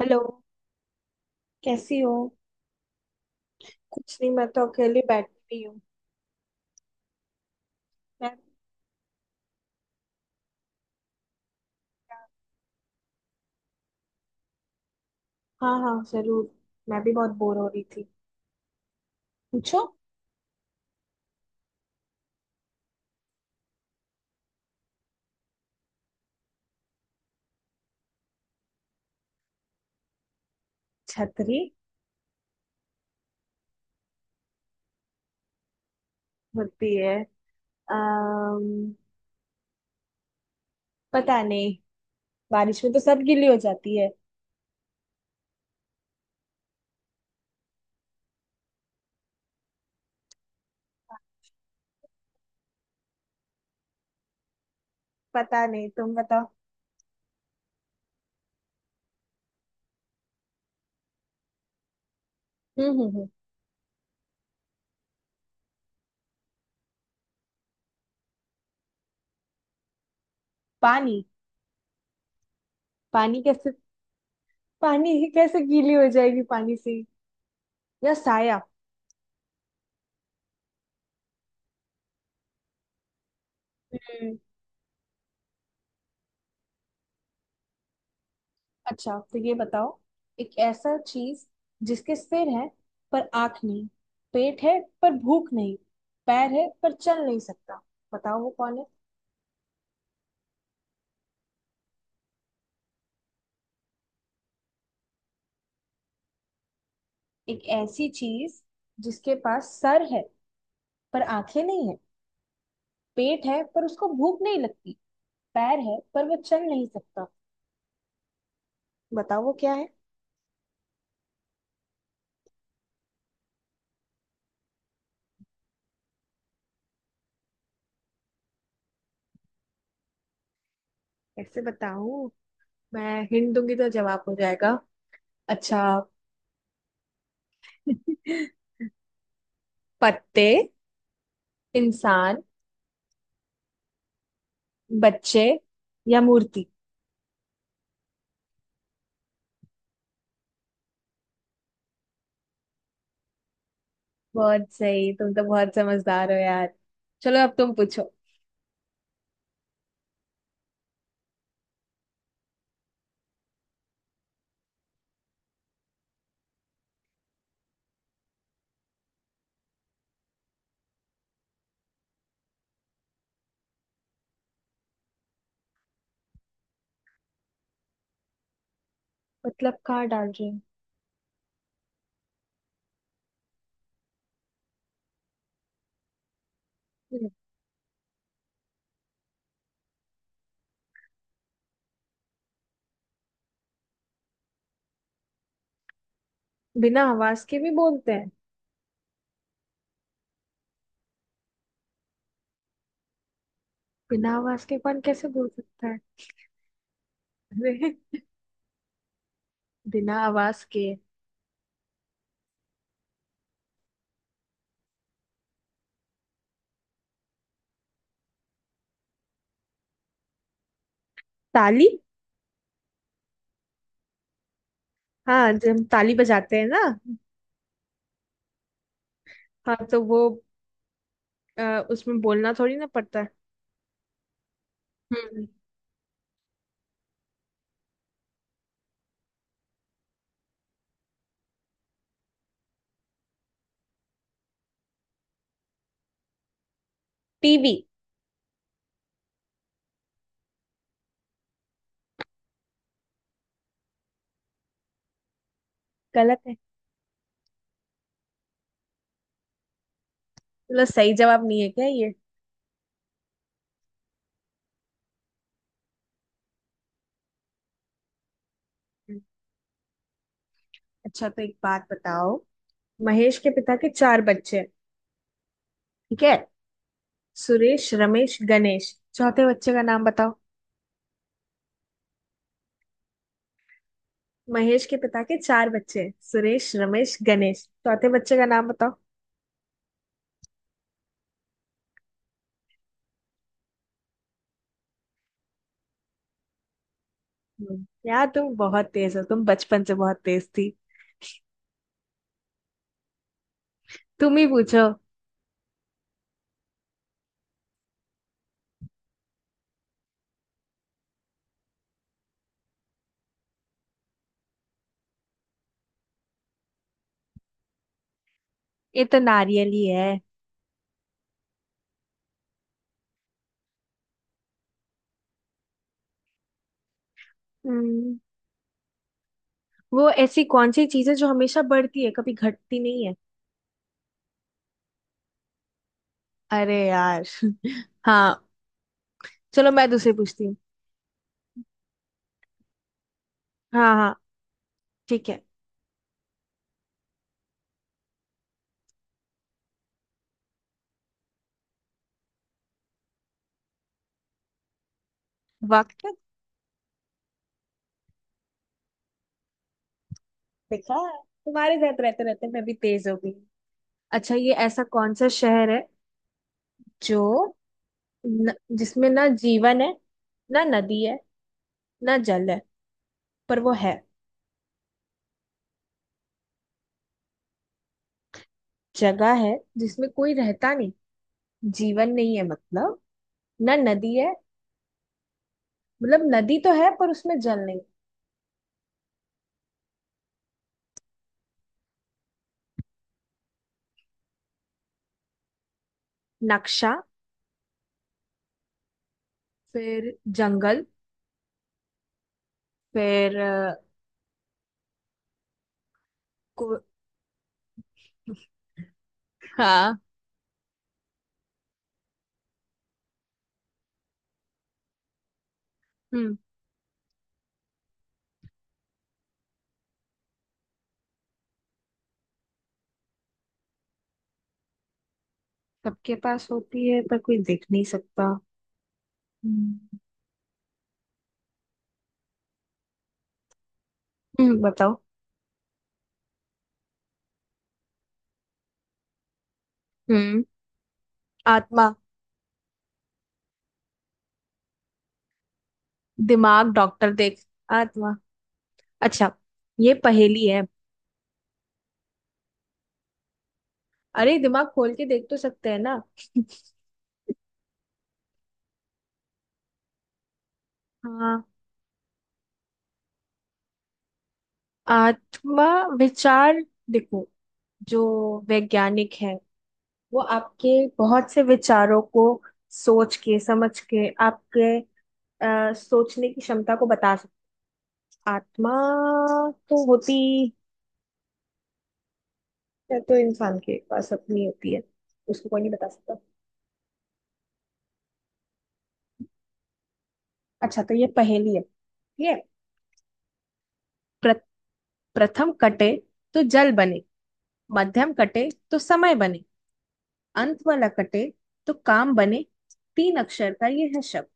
Hello. कैसी हो। कुछ नहीं, मैं तो अकेली बैठी हुई हूँ। मैं? हाँ हाँ जरूर। मैं भी बहुत बोर हो रही थी। पूछो। छतरी। होती है। अम्म पता नहीं, बारिश में तो सब गीली हो जाती है। पता नहीं, तुम बताओ। हम्म। पानी। पानी कैसे? पानी कैसे गीली हो जाएगी पानी से? या साया? अच्छा, तो ये बताओ, एक ऐसा चीज, जिसके सिर है पर आंख नहीं, पेट है पर भूख नहीं, पैर है पर चल नहीं सकता, बताओ वो कौन है। एक ऐसी चीज, जिसके पास सर है, पर आंखें नहीं है, पेट है पर उसको भूख नहीं लगती, पैर है पर वो चल नहीं सकता, बताओ वो क्या है। ऐसे बताऊं? मैं हिंट दूंगी तो जवाब हो जाएगा। अच्छा। पत्ते, इंसान, बच्चे या मूर्ति। बहुत सही, तुम तो बहुत समझदार हो यार। चलो अब तुम पूछो। मतलब कहाँ डाल रही हूँ? हम्म। बिना आवाज के भी बोलते हैं? बिना आवाज के कौन कैसे बोल सकता है? अरे, बिना आवाज के। ताली। हाँ, जब हम ताली बजाते हैं ना। हाँ तो वो, अ, उसमें बोलना थोड़ी ना पड़ता है। हम्म। टीवी। गलत है? चलो सही जवाब नहीं है क्या ये। हम्म। अच्छा तो एक बात बताओ, महेश के पिता के चार बच्चे हैं, ठीक है, सुरेश रमेश गणेश, चौथे बच्चे का नाम बताओ। महेश के पिता के चार बच्चे हैं, सुरेश रमेश गणेश, चौथे बच्चे का नाम बताओ। यार तुम बहुत तेज हो, तुम बचपन से बहुत तेज थी। तुम ही पूछो। ये तो नारियल ही है। हम्म, वो ऐसी कौन सी चीज है जो हमेशा बढ़ती है कभी घटती नहीं है। अरे यार हाँ, चलो मैं दूसरी पूछती हूँ। हाँ हाँ, ठीक है। वक्त। देखा, तुम्हारे साथ रहते रहते मैं भी तेज हो गई। अच्छा, ये ऐसा कौन सा शहर है जो, न, जिसमें ना जीवन है, ना नदी है, ना जल है, पर वो है। जगह है जिसमें कोई रहता नहीं। जीवन नहीं है मतलब। ना नदी है। मतलब नदी तो है पर उसमें जल नहीं। नक्शा। फिर जंगल, फिर को। हाँ। हम्म। सबके पास होती है पर कोई देख नहीं सकता। हम्म। बताओ। हम्म। आत्मा। दिमाग डॉक्टर देख। आत्मा। अच्छा, ये पहेली है। अरे, दिमाग खोल के देख तो सकते हैं ना। हाँ। आत्मा, विचार। देखो, जो वैज्ञानिक है वो आपके बहुत से विचारों को सोच के समझ के आपके सोचने की क्षमता को बता सकते। आत्मा तो होती है, तो इंसान के पास अपनी होती है, उसको कोई नहीं बता सकता। अच्छा, तो ये पहेली है, ठीक है। प्र- प्रथम कटे तो जल बने, मध्यम कटे तो समय बने, अंत वाला कटे तो काम बने। तीन अक्षर का ये है शब्द।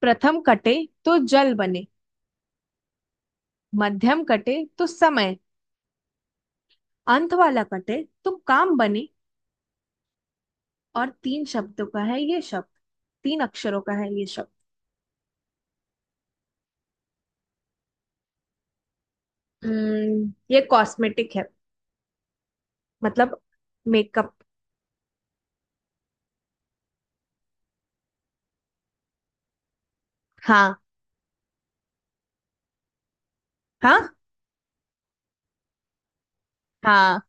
प्रथम कटे तो जल बने, मध्यम कटे तो समय, अंत वाला कटे तुम काम बने। और तीन शब्दों का है ये शब्द, तीन अक्षरों का है ये शब्द। ये कॉस्मेटिक है मतलब, मेकअप। हाँ। हाँ। हाँ।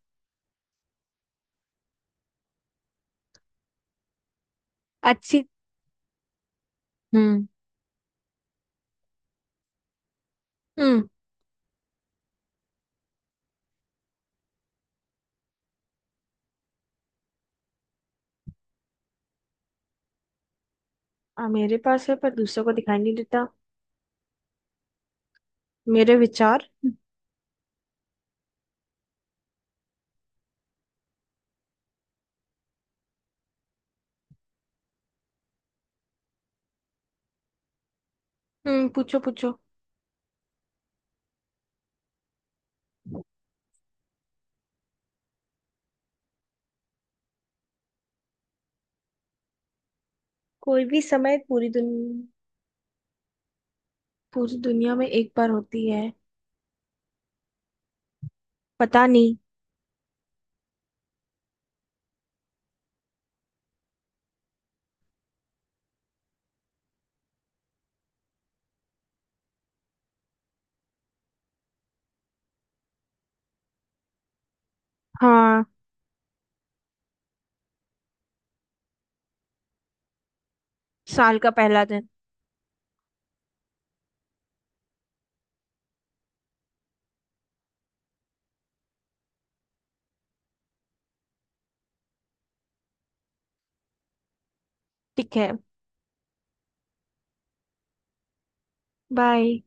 अच्छी। हम्म। हम्म। मेरे पास है पर दूसरों को दिखाई नहीं देता? मेरे विचार। हम्म, पूछो पूछो। कोई भी समय? पूरी दुनिया, पूरी दुनिया में एक बार होती है? पता नहीं। हाँ, साल का पहला दिन। ठीक है। बाय।